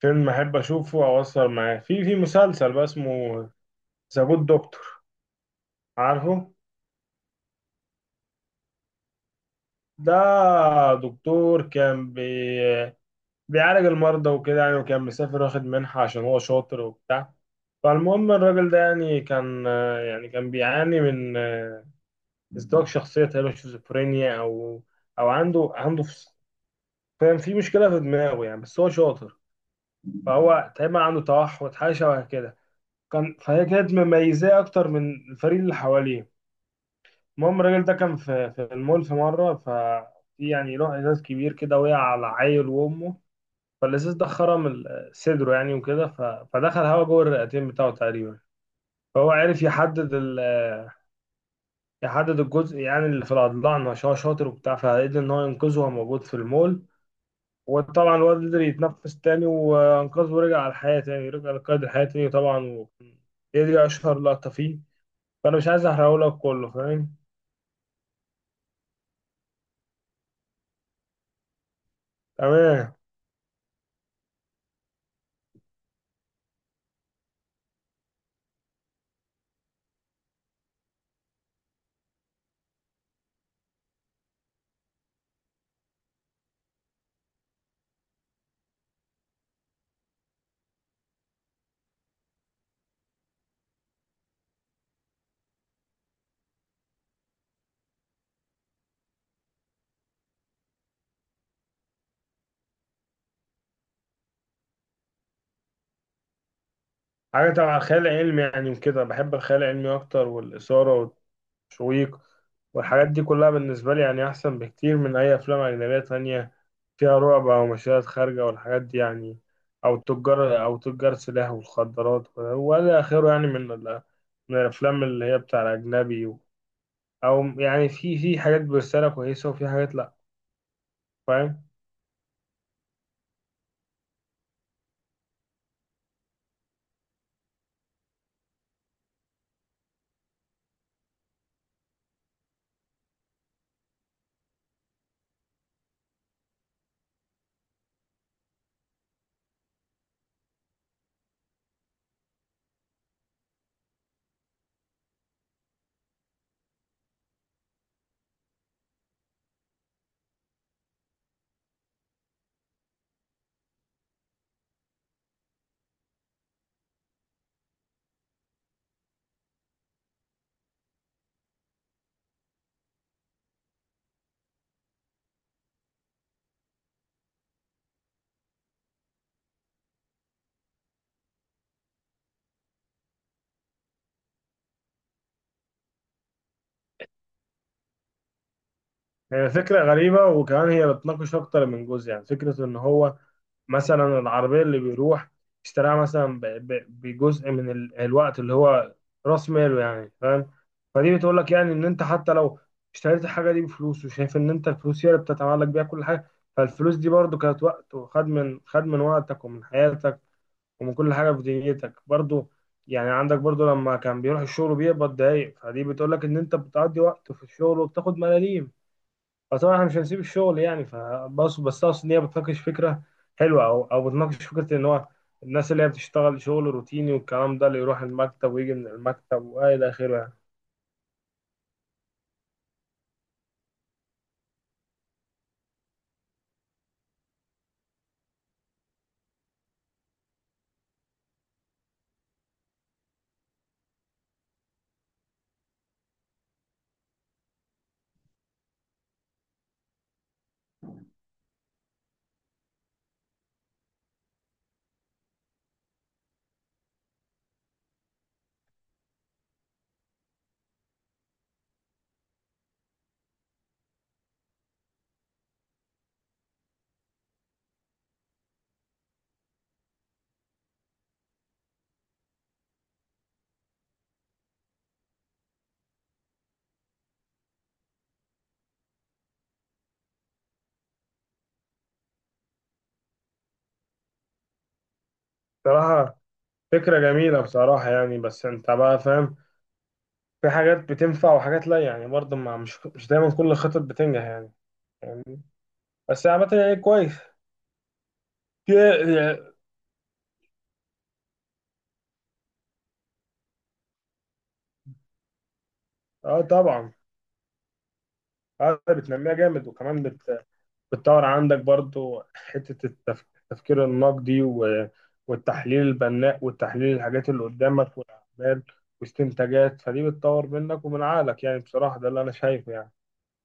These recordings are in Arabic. فيلم احب اشوفه او اسهر معاه في مسلسل بقى اسمه ذا جود دكتور، عارفه؟ ده دكتور كان بي بيعالج المرضى وكده يعني، وكان مسافر واخد منحة عشان هو شاطر وبتاع. فالمهم الراجل ده يعني كان بيعاني من ازدواج شخصية تقريبا، شيزوفرينيا، او عنده فاهم، في مشكلة في دماغه يعني، بس هو شاطر. فهو تقريبا عنده توحد، حاجة شبه كده كان، فهي كانت مميزاه اكتر من الفريق اللي حواليه. المهم الراجل ده كان في المول في مرة، ففي يعني له ازاز كبير كده وقع على عيل وامه. فالازاز ده خرم صدره يعني، فدخل هوا جوه الرئتين بتاعه تقريبا. فهو عرف يحدد الجزء يعني اللي في الأضلاع عشان هو شاطر وبتاع، فقدر إن هو ينقذه وهو موجود في المول. وطبعا الواد قدر يتنفس تاني وأنقذه، ورجع على الحياة تاني، رجع لقيد الحياة تاني طبعا هي دي أشهر لقطة فيه، فأنا مش عايز أحرقهولك كله، فاهم؟ تمام. حاجة تبع خيال علمي يعني وكده، بحب الخيال العلمي أكتر، والإثارة والتشويق والحاجات دي كلها بالنسبة لي يعني أحسن بكتير من أي أفلام أجنبية تانية فيها رعب أو مشاهد خارجة والحاجات دي يعني، أو تجار سلاح والمخدرات ولا آخره يعني، من من الأفلام اللي هي بتاع الأجنبي. أو يعني في حاجات برسالة كويسة وفي حاجات لأ، فاهم؟ هي فكرة غريبة، وكمان هي بتناقش أكتر من جزء. يعني فكرة إن هو مثلا العربية اللي بيروح اشتراها مثلا ب- ب- بجزء من الوقت اللي هو رأس ماله يعني، فاهم؟ فدي بتقول لك يعني إن أنت حتى لو اشتريت الحاجة دي بفلوس وشايف إن أنت الفلوس هي اللي بتتعلق بيها كل حاجة، فالفلوس دي برضو كانت وقت، وخد من خد من وقتك ومن حياتك ومن كل حاجة في دنيتك برضو. يعني عندك برضو لما كان بيروح الشغل بيقبض دقايق، فدي بتقول لك إن أنت بتقضي وقت في الشغل وبتاخد ملاليم. فطبعا احنا مش هنسيب الشغل يعني، بس اقصد ان هي بتناقش فكره حلوه، او او بتناقش فكره ان هو الناس اللي هي بتشتغل شغل روتيني والكلام ده، اللي يروح المكتب ويجي من المكتب والى اخره يعني. بصراحه فكره جميله بصراحه يعني، بس انت بقى فاهم، في حاجات بتنفع وحاجات لا يعني. برضه ما مش دايما كل الخطط بتنجح يعني، يعني بس عامه يعني كويس. إيه؟ اه طبعا، اه بتنميها جامد، وكمان بتطور عندك برضو حتة التفكير النقدي، و- والتحليل البناء، والتحليل الحاجات اللي قدامك والأعمال واستنتاجات، فدي بتطور منك ومن عقلك يعني، بصراحة ده اللي أنا شايفه يعني،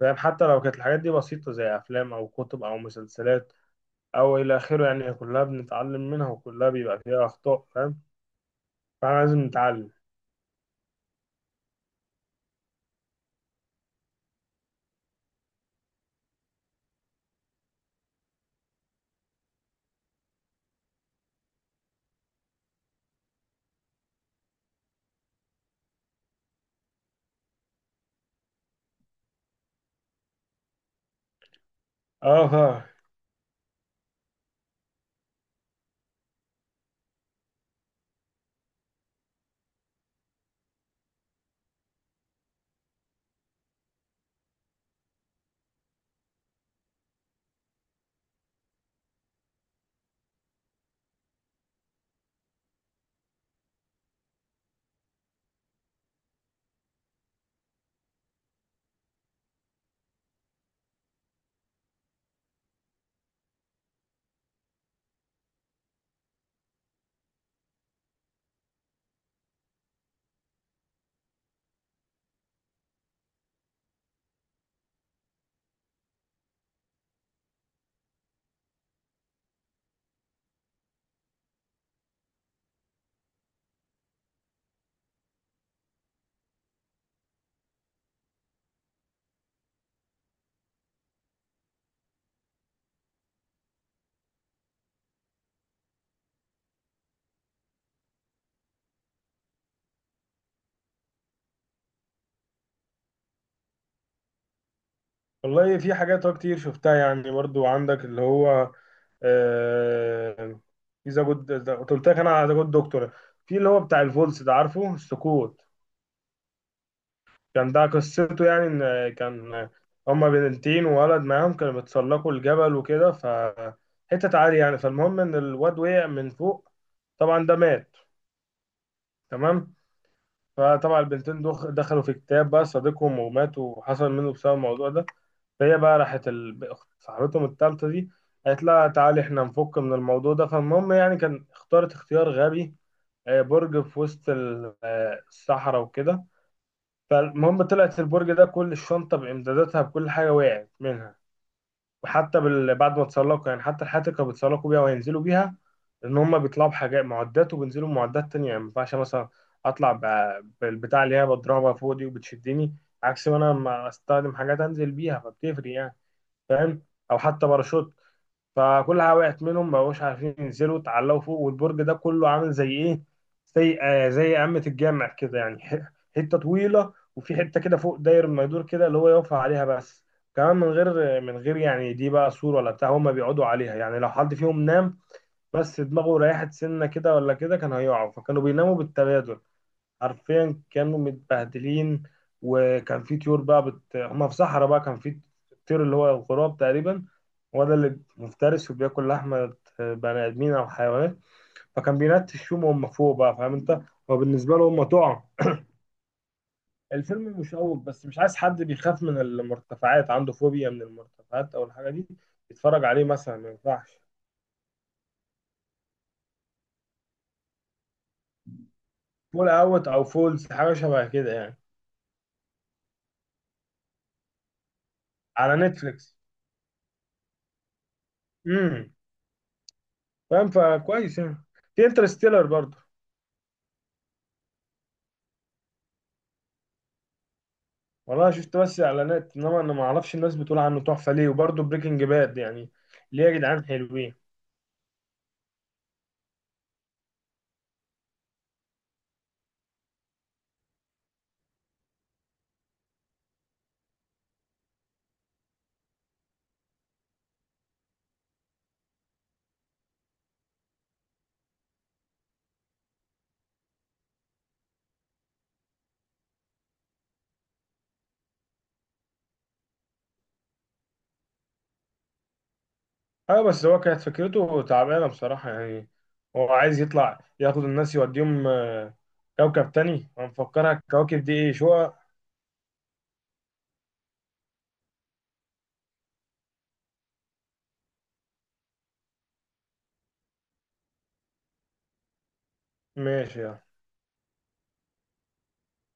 فاهم؟ حتى لو كانت الحاجات دي بسيطة زي أفلام أو كتب أو مسلسلات أو إلى آخره يعني، كلها بنتعلم منها، وكلها بيبقى فيها أخطاء، فاهم؟ فاحنا لازم نتعلم. اه والله في حاجات أه كتير شفتها يعني. برضو عندك اللي هو آه، في ذا جود، قلت لك انا على ذا جود دكتور. في اللي هو بتاع الفولس ده، عارفه؟ السقوط. كان ده قصته يعني، ان كان هما بنتين وولد معاهم كانوا بيتسلقوا الجبل وكده، ف حتة عالية يعني. فالمهم ان الواد وقع من فوق، طبعا ده مات، تمام. فطبعا البنتين دخلوا في كتاب بقى صديقهم وماتوا، وحصل منه بسبب الموضوع ده. فهي بقى راحت صاحبتهم التالتة دي، قالت لها تعالي احنا نفك من الموضوع ده. فالمهم يعني كان اختارت اختيار غبي، برج في وسط الصحراء وكده. فالمهم طلعت البرج ده، كل الشنطة بإمداداتها بكل حاجة وقعت منها، وحتى بعد ما اتسلقوا يعني، حتى الحياتي كانوا بيتسلقوا بيها وهينزلوا بيها، ان هم بيطلعوا بحاجات معدات وبينزلوا بمعدات تانية يعني. ما ينفعش مثلا اطلع ب... بالبتاع اللي هي بضربها فوق دي وبتشدني، عكس ما انا لما استخدم حاجات انزل بيها، فبتفرق يعني، فاهم؟ او حتى باراشوت. فكلها وقعت منهم، ما بقوش عارفين ينزلوا، اتعلقوا فوق. والبرج ده كله عامل زي ايه، زي آه زي قمة الجامع كده يعني، حتة طويلة، وفي حتة كده فوق داير ما يدور كده اللي هو يقف عليها بس، كمان من غير يعني دي بقى سور ولا بتاع. هما بيقعدوا عليها يعني، لو حد فيهم نام بس دماغه ريحت سنة كده ولا كده كان هيقع، فكانوا بيناموا بالتبادل. حرفيا كانوا متبهدلين. وكان في طيور بقى هما في صحراء بقى، كان في الطير اللي هو الغراب تقريبا، هو ده اللي مفترس وبياكل لحمة بني آدمين أو حيوانات. فكان بينتشهم وهم فوق بقى، فاهم أنت؟ هو بالنسبة له هم طعم. الفيلم مشوق، بس مش عايز حد بيخاف من المرتفعات، عنده فوبيا من المرتفعات أو الحاجة دي، يتفرج عليه مثلا، ما ينفعش. فول أوت أو فولز، حاجة شبه كده يعني. على نتفليكس. امم فاهم؟ فكويس يعني. في انترستيلر برضه. والله شفت بس اعلانات، انما انا ما اعرفش الناس بتقول عنه تحفه ليه، وبرضه بريكنج باد يعني ليه، يا جدعان حلوين. ايوه، بس هو كانت فكرته تعبانه بصراحه يعني، هو عايز يطلع ياخد الناس يوديهم كوكب تاني. هنفكرها الكواكب دي ايه، شقق؟ ماشي يعني.